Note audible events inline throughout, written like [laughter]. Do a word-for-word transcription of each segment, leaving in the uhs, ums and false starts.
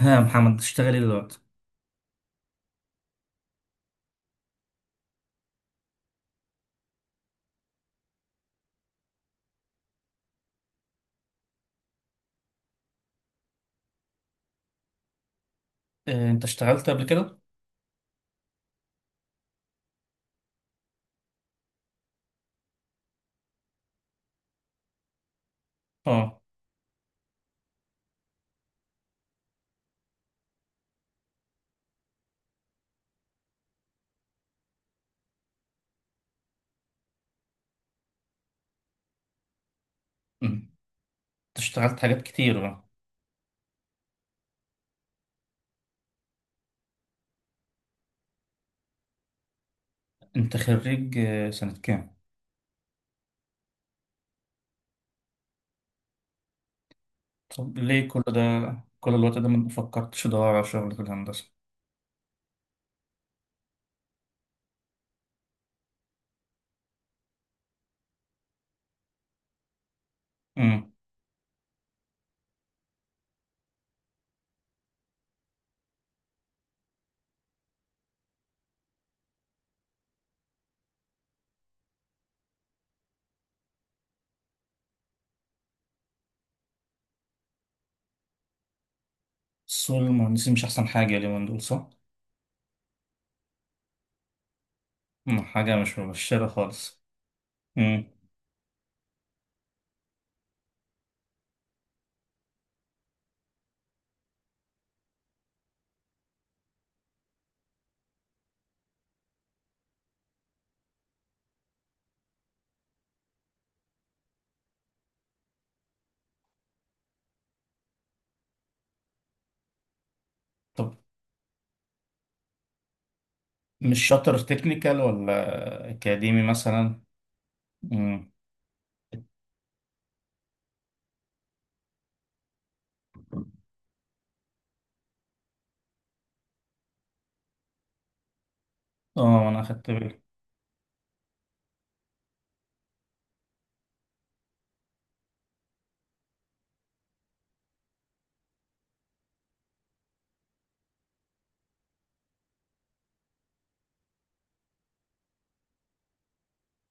ها يا محمد، بتشتغل ايه دلوقتي؟ آه، انت اشتغلت قبل كده؟ اه. مم. انت اشتغلت حاجات كتير بقى. انت خريج آه، سنة كام؟ طب ليه كل ده، كل الوقت ده، ما فكرتش تدور على شغل في الهندسة؟ امم. سوق المهندسين مش أحسن حاجة اليومين دول، صح؟ مم. حاجة مش مبشرة خالص. امم. طب مش شاطر تكنيكال ولا أكاديمي مثلا؟ امم. اه، أنا أخدت بالي.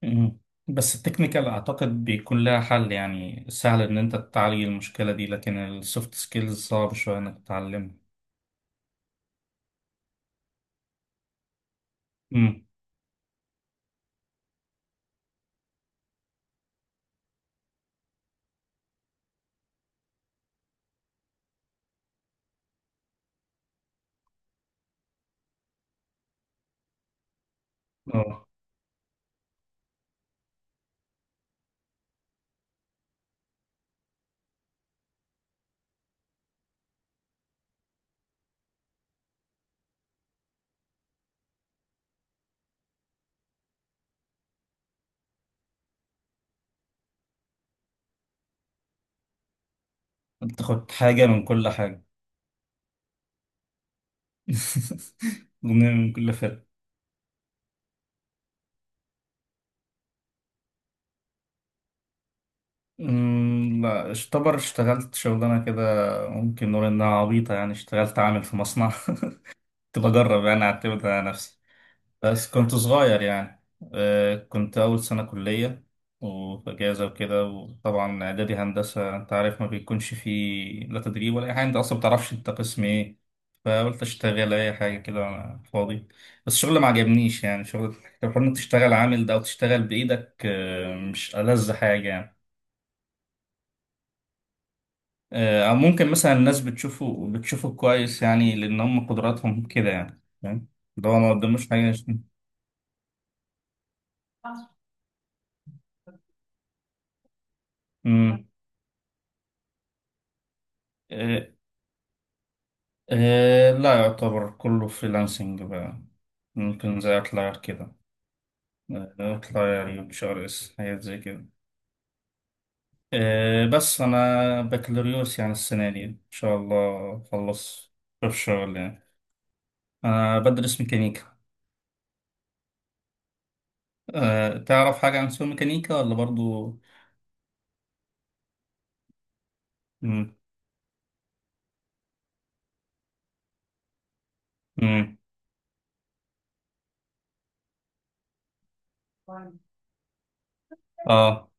مم. بس التكنيكال اعتقد بيكون لها حل يعني سهل ان انت تعالج المشكلة دي، لكن السوفت سكيلز صعب شوية انك تتعلمها. امم. اه. تاخد حاجة من كل حاجة. [laughs] جملة من كل فرقة. أمم، لا اشتبر اشتغلت شغلانة كده. ممكن نقول انها عبيطة يعني، اشتغلت عامل في مصنع. [laughs] كنت بجرب يعني اعتمد على نفسي. بس كنت صغير يعني. آه، كنت أول سنة كلية وفي أجازة وكده، وطبعا إعدادي هندسة أنت عارف ما بيكونش فيه لا تدريب ولا أي حاجة، أنت أصلا بتعرفش أنت قسم إيه. فقلت أشتغل أي حاجة كده وأنا فاضي. بس الشغل ما عجبنيش يعني، شغل حوار إنك تشتغل عامل ده أو تشتغل بإيدك آه، مش ألذ حاجة يعني. آه، أو ممكن مثلا الناس بتشوفه بتشوفه كويس يعني، لأن هم قدراتهم كده يعني، فاهم؟ ده هو ما قدموش حاجة. مم. آه. آه لا يعتبر كله فريلانسنج بقى. ممكن زي أطلع كده. آه، أطلع يعني شهر اس حاجات زي كده. آه بس أنا بكالوريوس يعني السنة دي إن شاء الله أخلص في الشغل يعني. أنا بدرس ميكانيكا. آه تعرف حاجة عن سوق ميكانيكا ولا برضو؟ مم. مم. آه،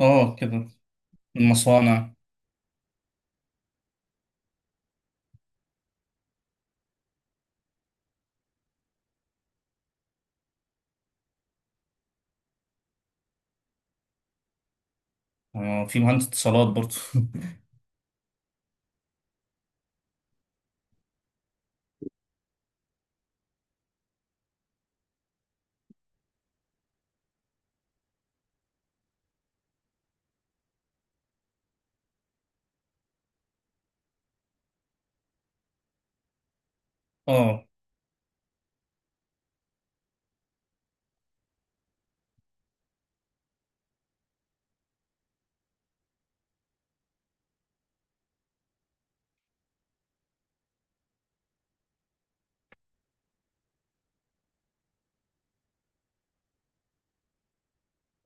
آه، كده. المصانع. آه في مهندس اتصالات برضو. [laughs] آه.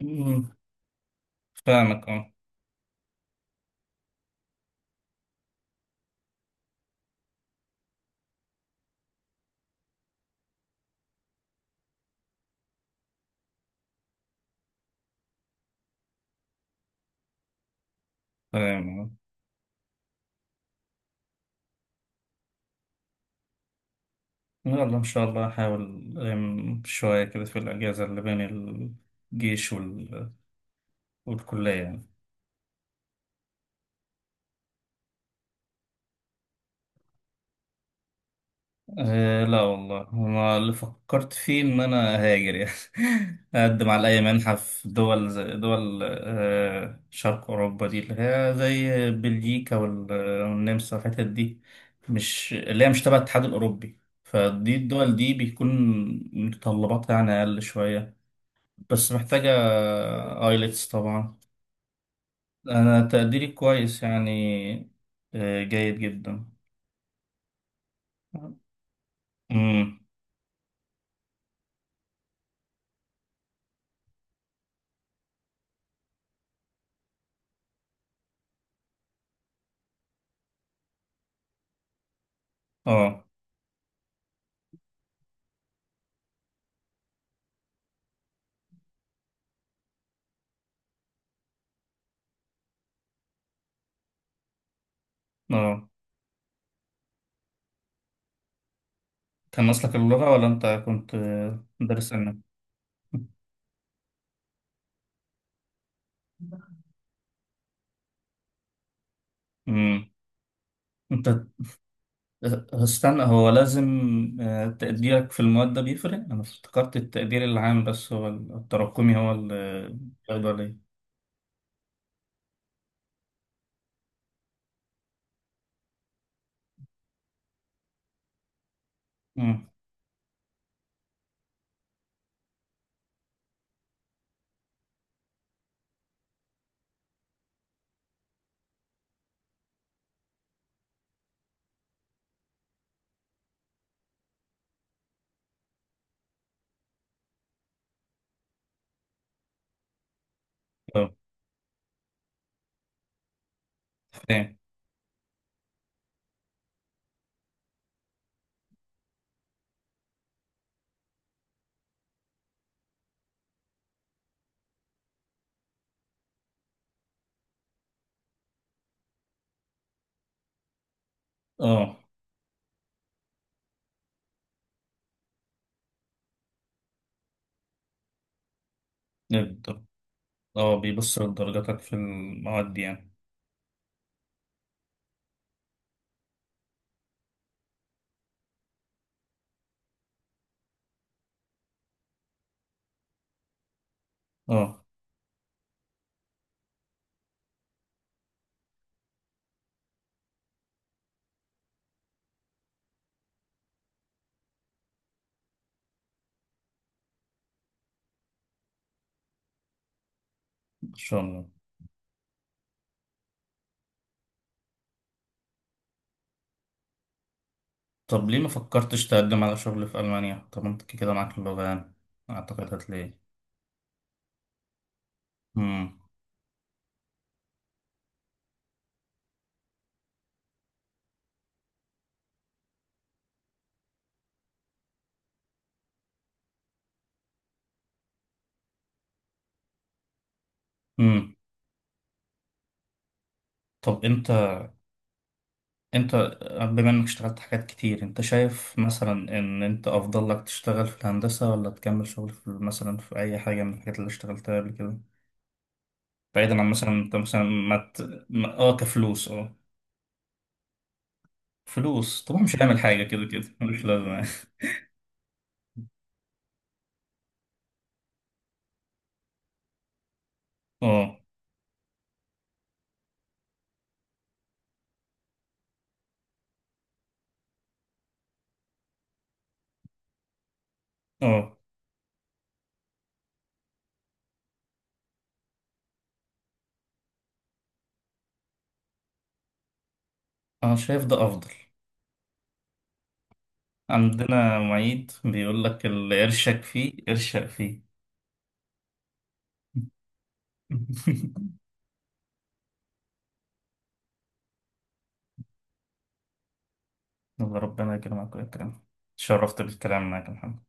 مم. فاهمك آه تمام. يلا إن شاء الله هحاول. ألم شوية كده في الأجازة اللي بين الجيش وال... والكلية يعني. أه، لا والله أنا اللي فكرت فيه إن أنا أهاجر يعني. [laughs] أقدم على أي منحة في دول زي دول أه شرق أوروبا دي اللي هي زي بلجيكا وال- والنمسا والحتت دي، مش اللي هي مش تبع الاتحاد الأوروبي. فدي الدول دي بيكون متطلباتها يعني أقل شوية. بس محتاجة آيلتس طبعا. أنا تقديري كويس يعني. آه، جيد جدا. امم. اه. اه. كان أصلك اللغة، ولا أنت كنت آه، مدرس أجنبي؟ امم. أنت. آه، استنى هو لازم آه، تقديرك في المواد ده بيفرق؟ أنا افتكرت التقدير العام، بس هو التراكمي هو اللي بياخدوا عليه. امم. اه. فاهم. اه. بالضبط. اه، بيبص لدرجاتك في المواد دي يعني. اه. إن شاء الله. طب ليه ما فكرتش تقدم على شغل في ألمانيا؟ طب انت كده معاك اللغة يعني، أعتقد هتلاقي. مم. مم. طب انت انت بما انك اشتغلت حاجات كتير، انت شايف مثلا ان انت أفضل لك تشتغل في الهندسة ولا تكمل شغل في مثلا في أي حاجة من الحاجات اللي اشتغلتها قبل كده؟ بعيدا عن مثلا انت مثلا ما, ت... ما... اه كفلوس اه فلوس طبعا مش هنعمل حاجة كده كده، مش لازم. [laughs] اه. اه. انا شايف ده افضل. عندنا معيد بيقول لك اللي قرشك فيه ارشق فيه. [laughs] الله، ربنا يكرمك ويكرمك. تشرفت بالكلام معك يا محمد.